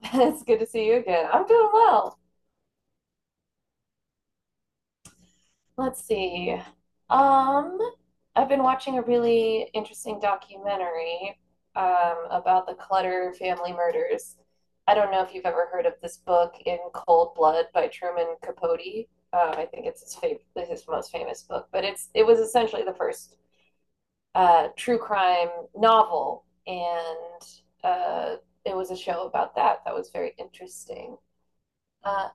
It's good to see you again. I'm doing well. Let's see. Um, I've been watching a really interesting documentary about the Clutter family murders. I don't know if you've ever heard of this book, In Cold Blood by Truman Capote. I think it's his most famous book, but it was essentially the first true crime novel, and uh, it was a show about that that was very interesting. Uh,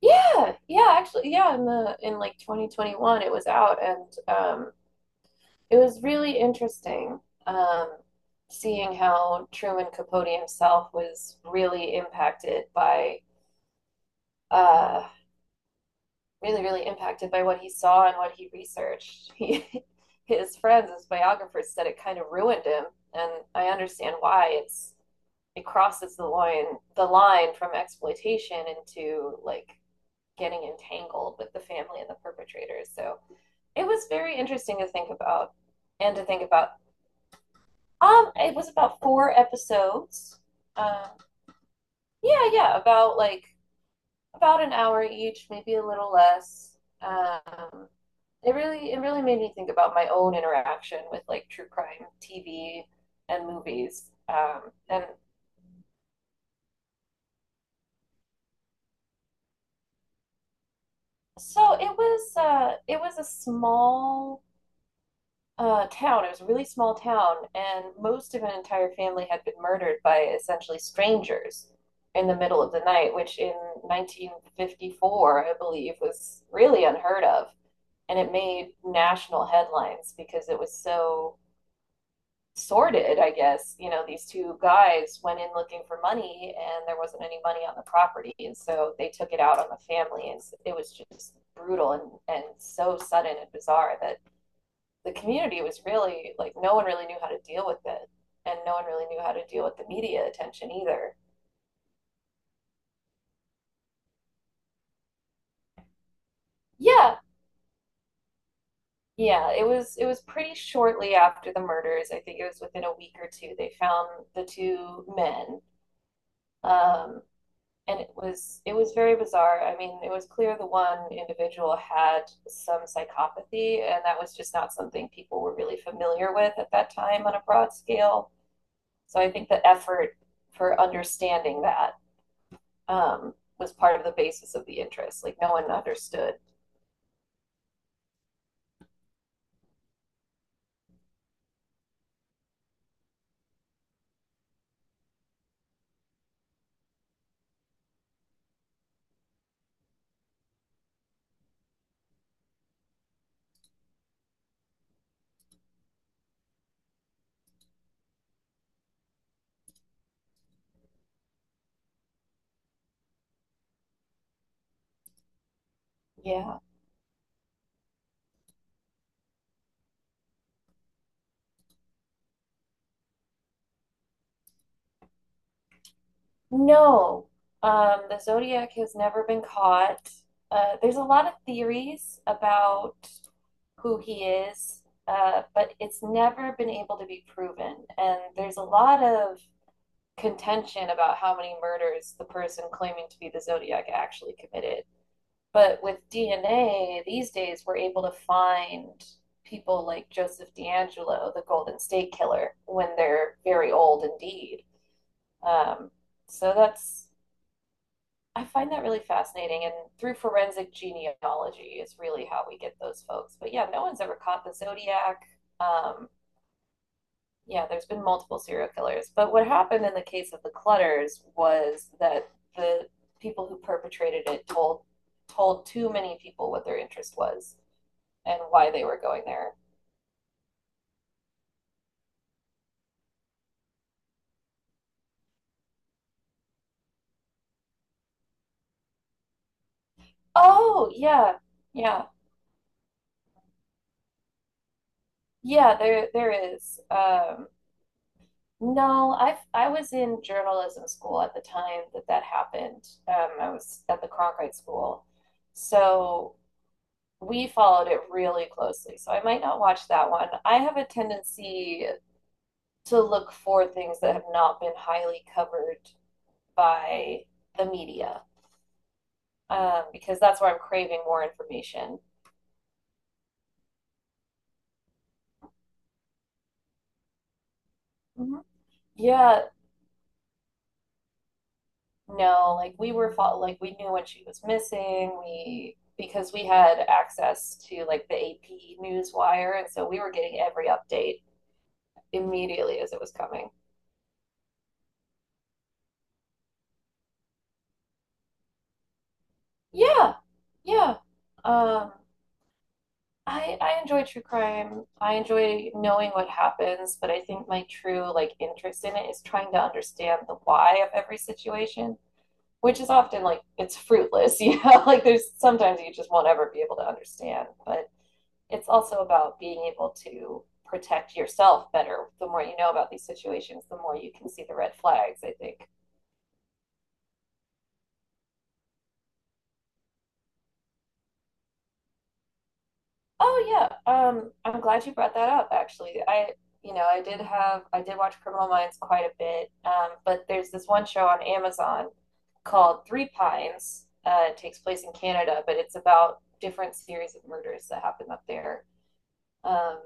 Yeah, yeah, actually, yeah, in the in like 2021 it was out, and it was really interesting, um seeing how Truman Capote himself was really impacted by, uh really impacted by what he saw and what he researched. He, his friends, his biographers said it kind of ruined him, and I understand why. It's it crosses the line from exploitation into like getting entangled with the family and the perpetrators. So it was very interesting to think about and to think about. It was about four episodes. Um, yeah, yeah, about like about an hour each, maybe a little less. It really made me think about my own interaction with like true crime TV and movies. And so it was a small town. It was a really small town, and most of an entire family had been murdered by essentially strangers in the middle of the night, which in 1954, I believe, was really unheard of. And it made national headlines because it was so sordid, I guess. You know, these two guys went in looking for money, and there wasn't any money on the property. And so they took it out on the family. And it was just brutal and so sudden and bizarre that the community was really like no one really knew how to deal with it, and no one really knew how to deal with the media attention either. Yeah, yeah, it was pretty shortly after the murders. I think it was within a week or two they found the two men. Um, and it was very bizarre. I mean, it was clear the one individual had some psychopathy, and that was just not something people were really familiar with at that time on a broad scale. So I think the effort for understanding that, was part of the basis of the interest. Like no one understood. Yeah. No. The Zodiac has never been caught. There's a lot of theories about who he is, but it's never been able to be proven. And there's a lot of contention about how many murders the person claiming to be the Zodiac actually committed. But with DNA, these days we're able to find people like Joseph D'Angelo, the Golden State Killer, when they're very old indeed. Um, so that's, I find that really fascinating. And through forensic genealogy is really how we get those folks. But yeah, no one's ever caught the Zodiac. Um, yeah, there's been multiple serial killers. But what happened in the case of the Clutters was that the people who perpetrated it told too many people what their interest was, and why they were going there. Oh, yeah. Yeah. Yeah, there is. No, I was in journalism school at the time that that happened. I was at the Cronkite School. So we followed it really closely. So I might not watch that one. I have a tendency to look for things that have not been highly covered by the media, because that's where I'm craving more information. Mhm. Yeah. No, like we were fol like we knew when she was missing. We because we had access to like the AP news wire, and so we were getting every update immediately as it was coming. Yeah, yeah. Um, I enjoy true crime. I enjoy knowing what happens, but I think my true like interest in it is trying to understand the why of every situation, which is often like it's fruitless, you know? Like there's sometimes you just won't ever be able to understand, but it's also about being able to protect yourself better. The more you know about these situations, the more you can see the red flags, I think. Oh yeah, I'm glad you brought that up actually. I, I did have I did watch Criminal Minds quite a bit, but there's this one show on Amazon called Three Pines. It takes place in Canada, but it's about different series of murders that happen up there. Um,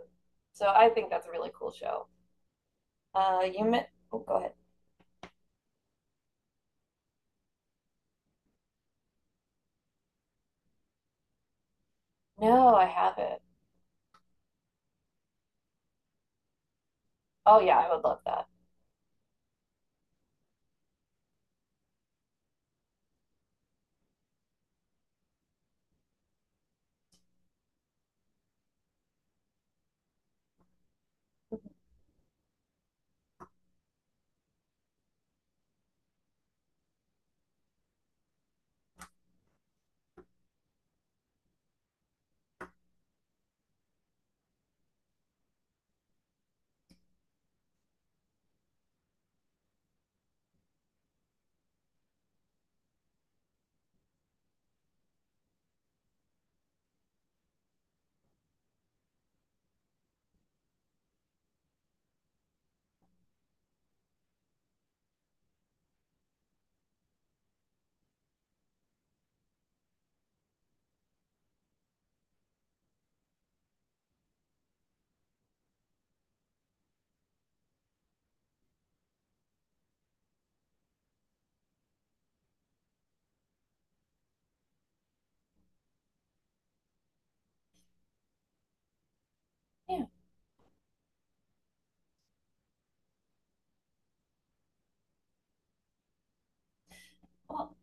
so I think that's a really cool show. You meant? Oh, go ahead. No, I haven't. Oh yeah, I would love that. Yeah. Well,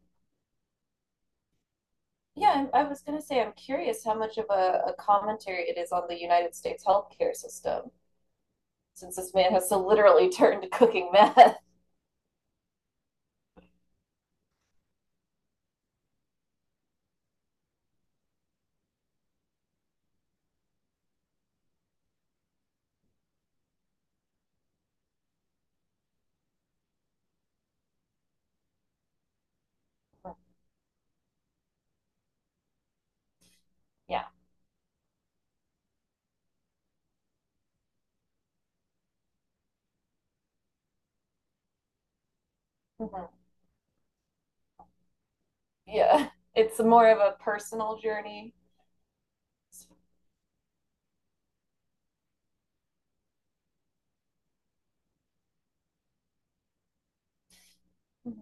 yeah, I was going to say, I'm curious how much of a commentary it is on the United States healthcare system, since this man has so literally turned to cooking meth. Yeah. Hmm. Yeah. It's more of a personal journey. Mhm.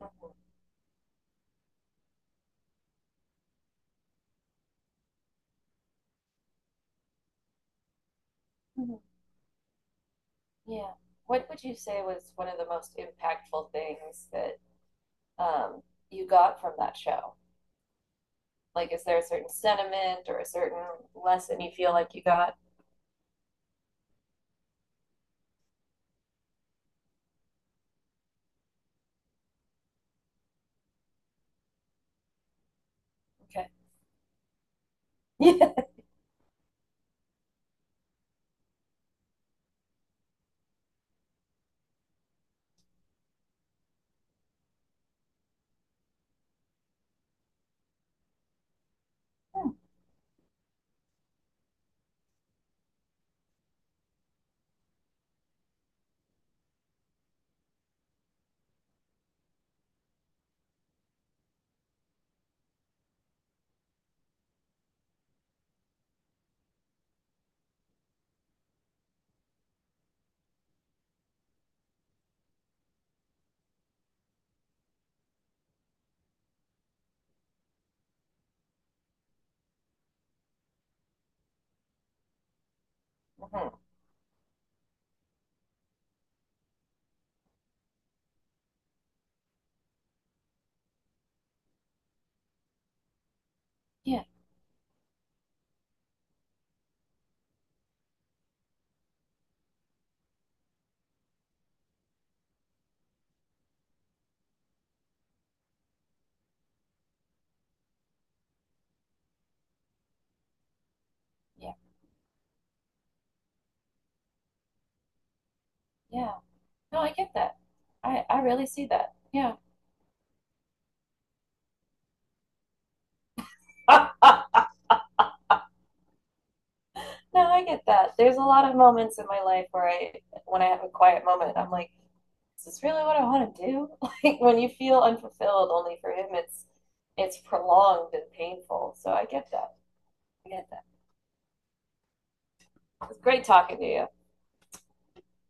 Mhm. Mhm. Yeah. What would you say was one of the most impactful things that, um, you got from that show? Like, is there a certain sentiment or a certain lesson you feel like you got? Okay. Yeah. Hmm. Yeah. Yeah. Yeah. No, I get that. I really see that. Yeah. No, I get that. There's a lot of moments in my life where I, when I have a quiet moment, I'm like, is this really what I want to do? Like when you feel unfulfilled, only for him, it's prolonged and painful. So I get that. I get that. It's great talking to you.